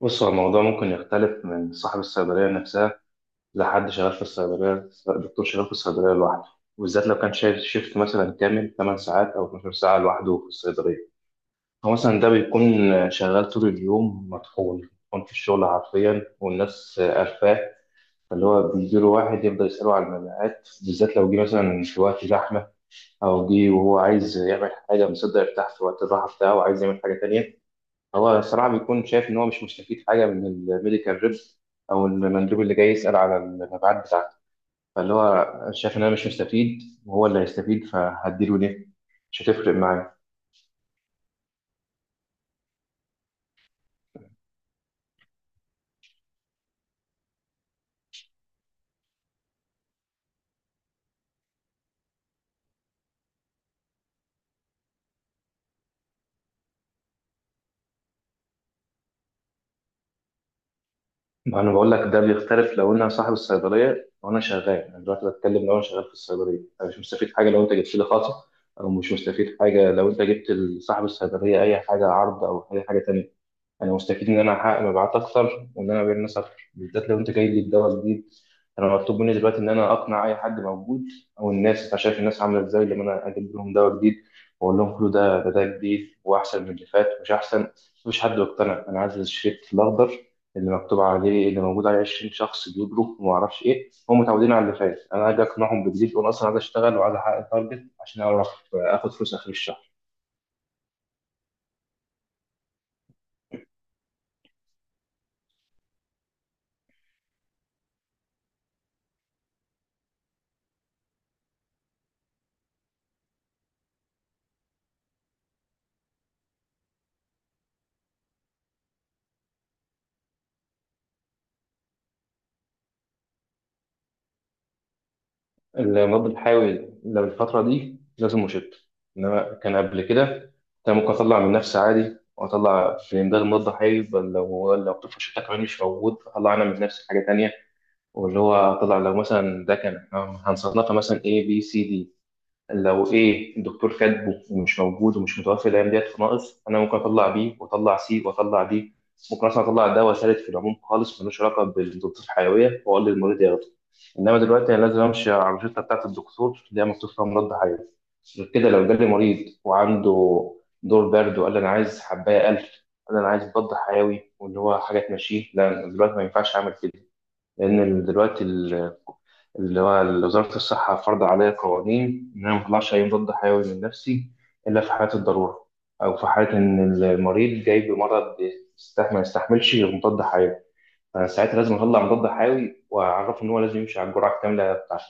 بص هو الموضوع ممكن يختلف من صاحب الصيدلية نفسها، لحد شغال في الصيدلية، دكتور شغال في الصيدلية لوحده، وبالذات لو كان شايف شيفت مثلا كامل 8 ساعات أو 12 ساعة لوحده في الصيدلية. هو مثلا ده بيكون شغال طول اليوم، مطحون مطحون في الشغل حرفيا والناس قرفاه. فاللي هو بيجيله واحد يفضل يسأله على المبيعات، بالذات لو جه مثلا في وقت زحمة أو جه وهو عايز يعمل حاجة مصدق يرتاح في وقت الراحة بتاعه وعايز يعمل حاجة تانية. هو الصراحة بيكون شايف إن هو مش مستفيد حاجة من الميديكال ريب أو المندوب اللي جاي يسأل على المبيعات بتاعته. فاللي هو شايف إن أنا مش مستفيد وهو اللي هيستفيد، فهديله ليه؟ مش هتفرق معايا. ما أنا بقول لك ده بيختلف لو أنا صاحب الصيدلية أو أنا شغال. أنا دلوقتي بتكلم لو أنا شغال في الصيدلية. أنا مش مستفيد حاجة لو أنت جبت لي خاصة، أو مش مستفيد حاجة لو أنت جبت لصاحب الصيدلية أي حاجة عرض أو أي حاجة تانية. انا مستفيد ان انا احقق مبيعات اكتر وان انا ابيع للناس اكتر، بالذات لو انت جاي لي بدواء جديد. انا مطلوب مني دلوقتي ان انا اقنع اي حد موجود، او الناس. انت شايف الناس عامله ازاي لما انا اجيب لهم دواء جديد واقول لهم كله ده جديد واحسن من اللي فات؟ مش احسن، مفيش حد يقتنع. انا عايز الشريط الاخضر اللي مكتوب عليه، اللي موجود عليه 20 شخص بيجروا وما اعرفش ايه. هم متعودين على اللي فات، انا اجي اقنعهم بجديد؟ وانا اصلا عايز اشتغل وعايز احقق تارجت عشان اعرف اخد فلوس اخر الشهر. المضاد الحيوي لو الفترة دي لازم مشط، إنما كان قبل كده كان ممكن أطلع من نفسي عادي وأطلع في إمداد مضاد حيوي. بل لو طفل شتا كمان مش موجود أطلع أنا من نفسي حاجة تانية، واللي هو أطلع لو مثلا ده كان هنصنفها مثلا A B C D، لو ايه الدكتور كاتبه ومش موجود ومش متوفر الايام ديت فناقص، انا ممكن اطلع بيه واطلع سي واطلع دي. ممكن اصلا اطلع دواء ثالث في العموم خالص ملوش علاقه بالضغوط الحيويه واقول للمريض ياخده. انما دلوقتي انا لازم امشي على الروشته بتاعه الدكتور اللي هي مكتوب فيها مضاد حيوي. غير كده، لو جالي مريض وعنده دور برد وقال لي انا عايز حبايه 1000، قال لي انا عايز مضاد حيوي واللي هو حاجه تمشيه، لا، دلوقتي ما ينفعش اعمل كده. لأن دلوقتي وزارة الصحة فرض عليا قوانين إن أنا ما أطلعش أي مضاد حيوي من نفسي إلا في حالة الضرورة، أو في حالة إن المريض جاي بمرض ما يستحملش غير مضاد حيوي. فأنا ساعتها لازم أطلع مضاد حيوي وأعرفه إن هو لازم يمشي على الجرعة الكاملة بتاعته.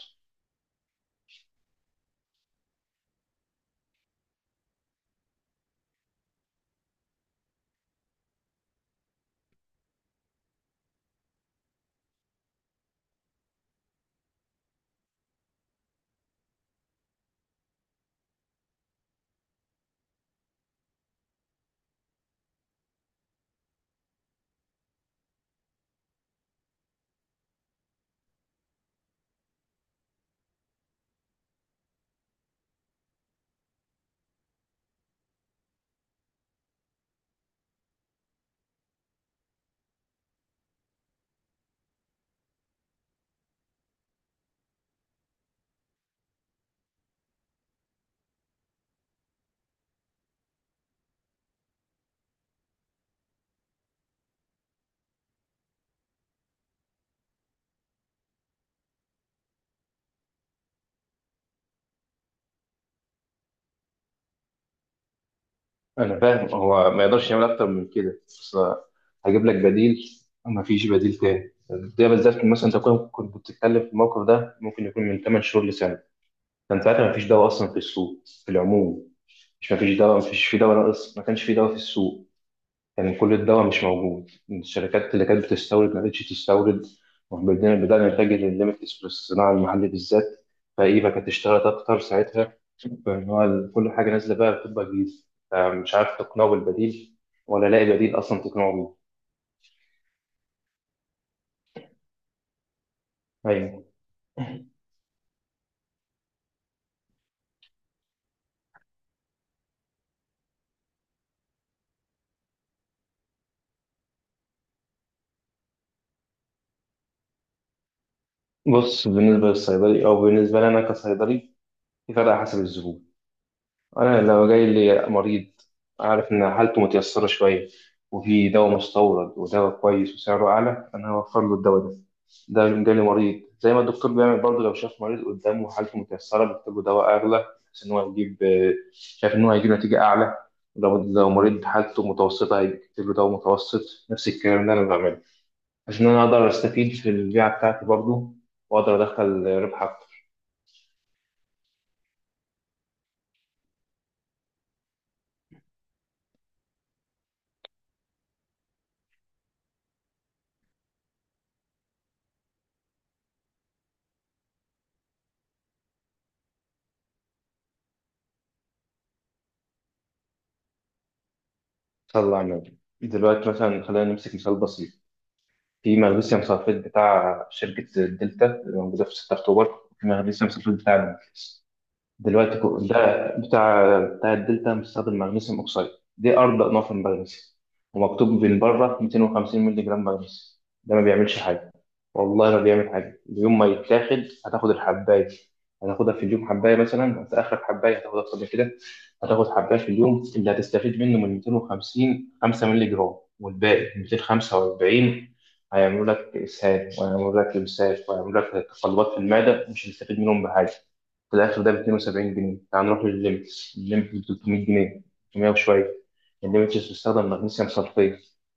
أنا فاهم، هو ما يقدرش يعمل أكتر من كده، بس هجيب لك بديل. ما فيش بديل تاني. ده بالذات مثلا انت كنت بتتكلم في الموقف ده، ممكن يكون من 8 شهور لسنه، كان ساعتها ما فيش دواء اصلا في السوق في العموم. مش مفيش دواء، مفيش في دواء ناقص، ما كانش في دواء في السوق. كان كل الدواء مش موجود، الشركات اللي كانت بتستورد ما بقتش تستورد. وبدأنا نتجه للليميتلس، للصناعة المحلية بالذات. فإيفا كانت اشتغلت أكتر ساعتها، فإن هو كل حاجة نازلة بقى بتبقى جديدة. مش عارف تقنعه بالبديل ولا لاقي بديل أصلا تقنعه بيه. أيوه. بص، بالنسبة للصيدلي أو بالنسبة لنا كصيدلي، في فرق حسب الزبون. أنا لو جاي لي مريض أعرف إن حالته متيسرة شوية، وفي دواء مستورد ودواء كويس وسعره أعلى، أنا هوفر له الدواء ده. ده لو جالي مريض زي ما الدكتور بيعمل برضه، لو شاف مريض قدامه حالته متيسرة بيكتب له دواء أغلى، بحيث إن هو يجيب شايف إن هو هيجيب نتيجة أعلى. لو مريض حالته متوسطة هيكتب له دواء متوسط. نفس الكلام ده أنا بعمله، عشان أنا أقدر أستفيد في البيعة بتاعتي برضه وأقدر أدخل ربح أكتر. طلع منه. دلوقتي مثلا خلينا نمسك مثال بسيط، في مغنيسيوم سلفيت بتاع شركة الدلتا اللي موجودة في 6 أكتوبر، في مغنيسيوم سلفيت بتاع، دلوقتي ده بتاع الدلتا مستخدم مغنيسيوم اوكسيد. دي ارض انواع في المغنيسيوم، ومكتوب من بره 250 مللي جرام مغنيسيوم. ده ما بيعملش حاجه، والله ما بيعمل حاجه. يوم ما يتاخد هتاخد الحبايه، هتاخدها في اليوم حبايه. مثلا انت اخر حبايه هتاخدها قبل كده، هتاخد حبايه في اليوم اللي هتستفيد منه من 250، 5 مللي جرام، والباقي 245 هيعملوا لك اسهال وهيعملوا لك امساك وهيعملوا لك تقلبات في المعده، مش هتستفيد منهم بحاجه. في الاخر ده ب 72 جنيه. تعال نروح للليميتس، الليميتس ب 300 جنيه، 300 وشويه. الليميتس بيستخدم مغنيسيوم صلفيت.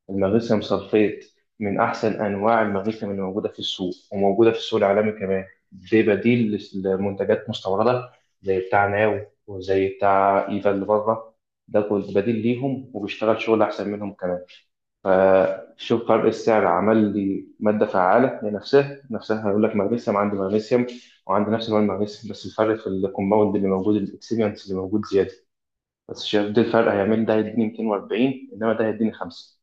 المغنيسيوم صلفيت من احسن انواع المغنيسيوم اللي موجوده في السوق، وموجوده في السوق العالمي كمان. دي بديل لمنتجات مستورده، زي بتاع ناو وزي بتاع ايفا اللي بره. ده بديل ليهم وبيشتغل شغل احسن منهم كمان. فشوف فرق السعر، عمل لي مادة فعالة لنفسها نفسها، هيقول لك مغنيسيوم عندي مغنيسيوم، وعندي نفس نوع المغنيسيوم، بس الفرق في الكومباوند اللي موجود، الاكسبيرينس اللي موجود زيادة. بس شايف ده الفرق هيعمل، ده هيديني 240، انما ده هيديني 5.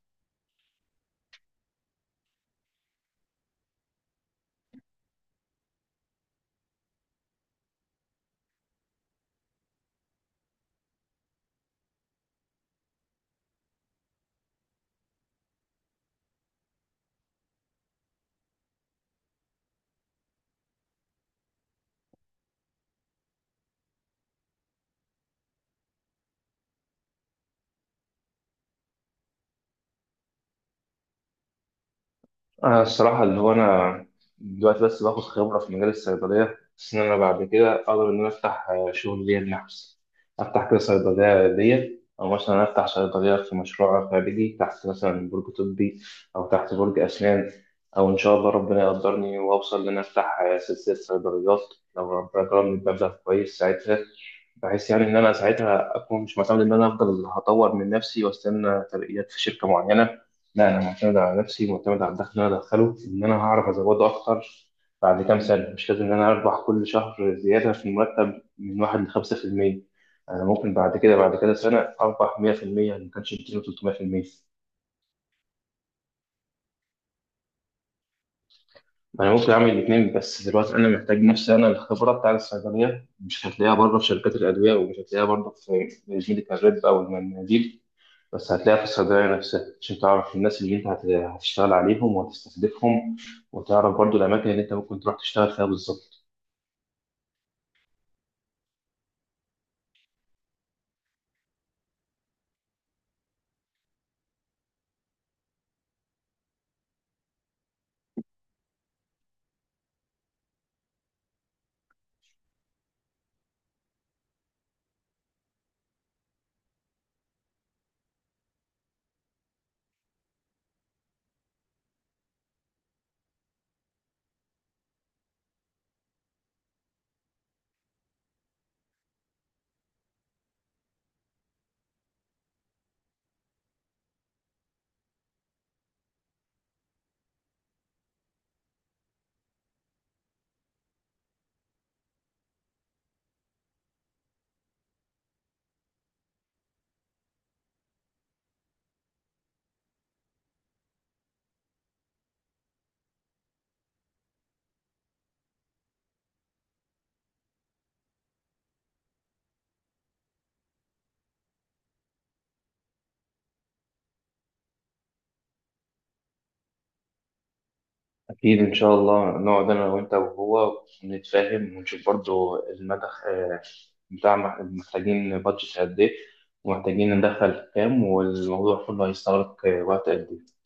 أنا الصراحة اللي هو أنا دلوقتي بس باخد خبرة في مجال الصيدلية، بس إن أنا بعد كده أقدر إن أنا أفتح شغل ليا لنفسي. أفتح كده صيدلية ليا، أو مثلا أفتح صيدلية في مشروع خارجي تحت مثلا برج طبي أو تحت برج أسنان، أو إن شاء الله ربنا يقدرني وأوصل إن أنا أفتح سلسلة صيدليات لو ربنا كرمني بمبلغ كويس ساعتها، بحيث يعني إن أنا ساعتها أكون مش معتمد إن أنا أفضل هطور من نفسي وأستنى ترقيات في شركة معينة، لا أنا معتمد على نفسي، معتمد على الدخل اللي أنا أدخله، إن أنا هعرف أزوده أكتر. بعد كام سنة، مش لازم إن أنا أربح كل شهر زيادة في المرتب من 1 ل5%، أنا ممكن بعد كده سنة أربح 100%، ما كانش 200 و300%. أنا ممكن أعمل الاتنين، بس دلوقتي أنا محتاج نفسي أنا الخبرة بتاع الصيدلية، مش هتلاقيها بره في شركات الأدوية، ومش هتلاقيها برضه في مدينة الرب أو المناديل. بس هتلاقيها في الصيدلية نفسها، عشان تعرف الناس اللي انت هتشتغل عليهم وهتستهدفهم، وتعرف برضو الأماكن اللي انت ممكن تروح تشتغل فيها بالظبط. أكيد إن شاء الله نقعد أنا وأنت وهو ونتفاهم، ونشوف برضو المدى آه، بتاع محتاجين بادجت قد إيه، ومحتاجين ندخل كام، والموضوع كله هيستغرق وقت قد إيه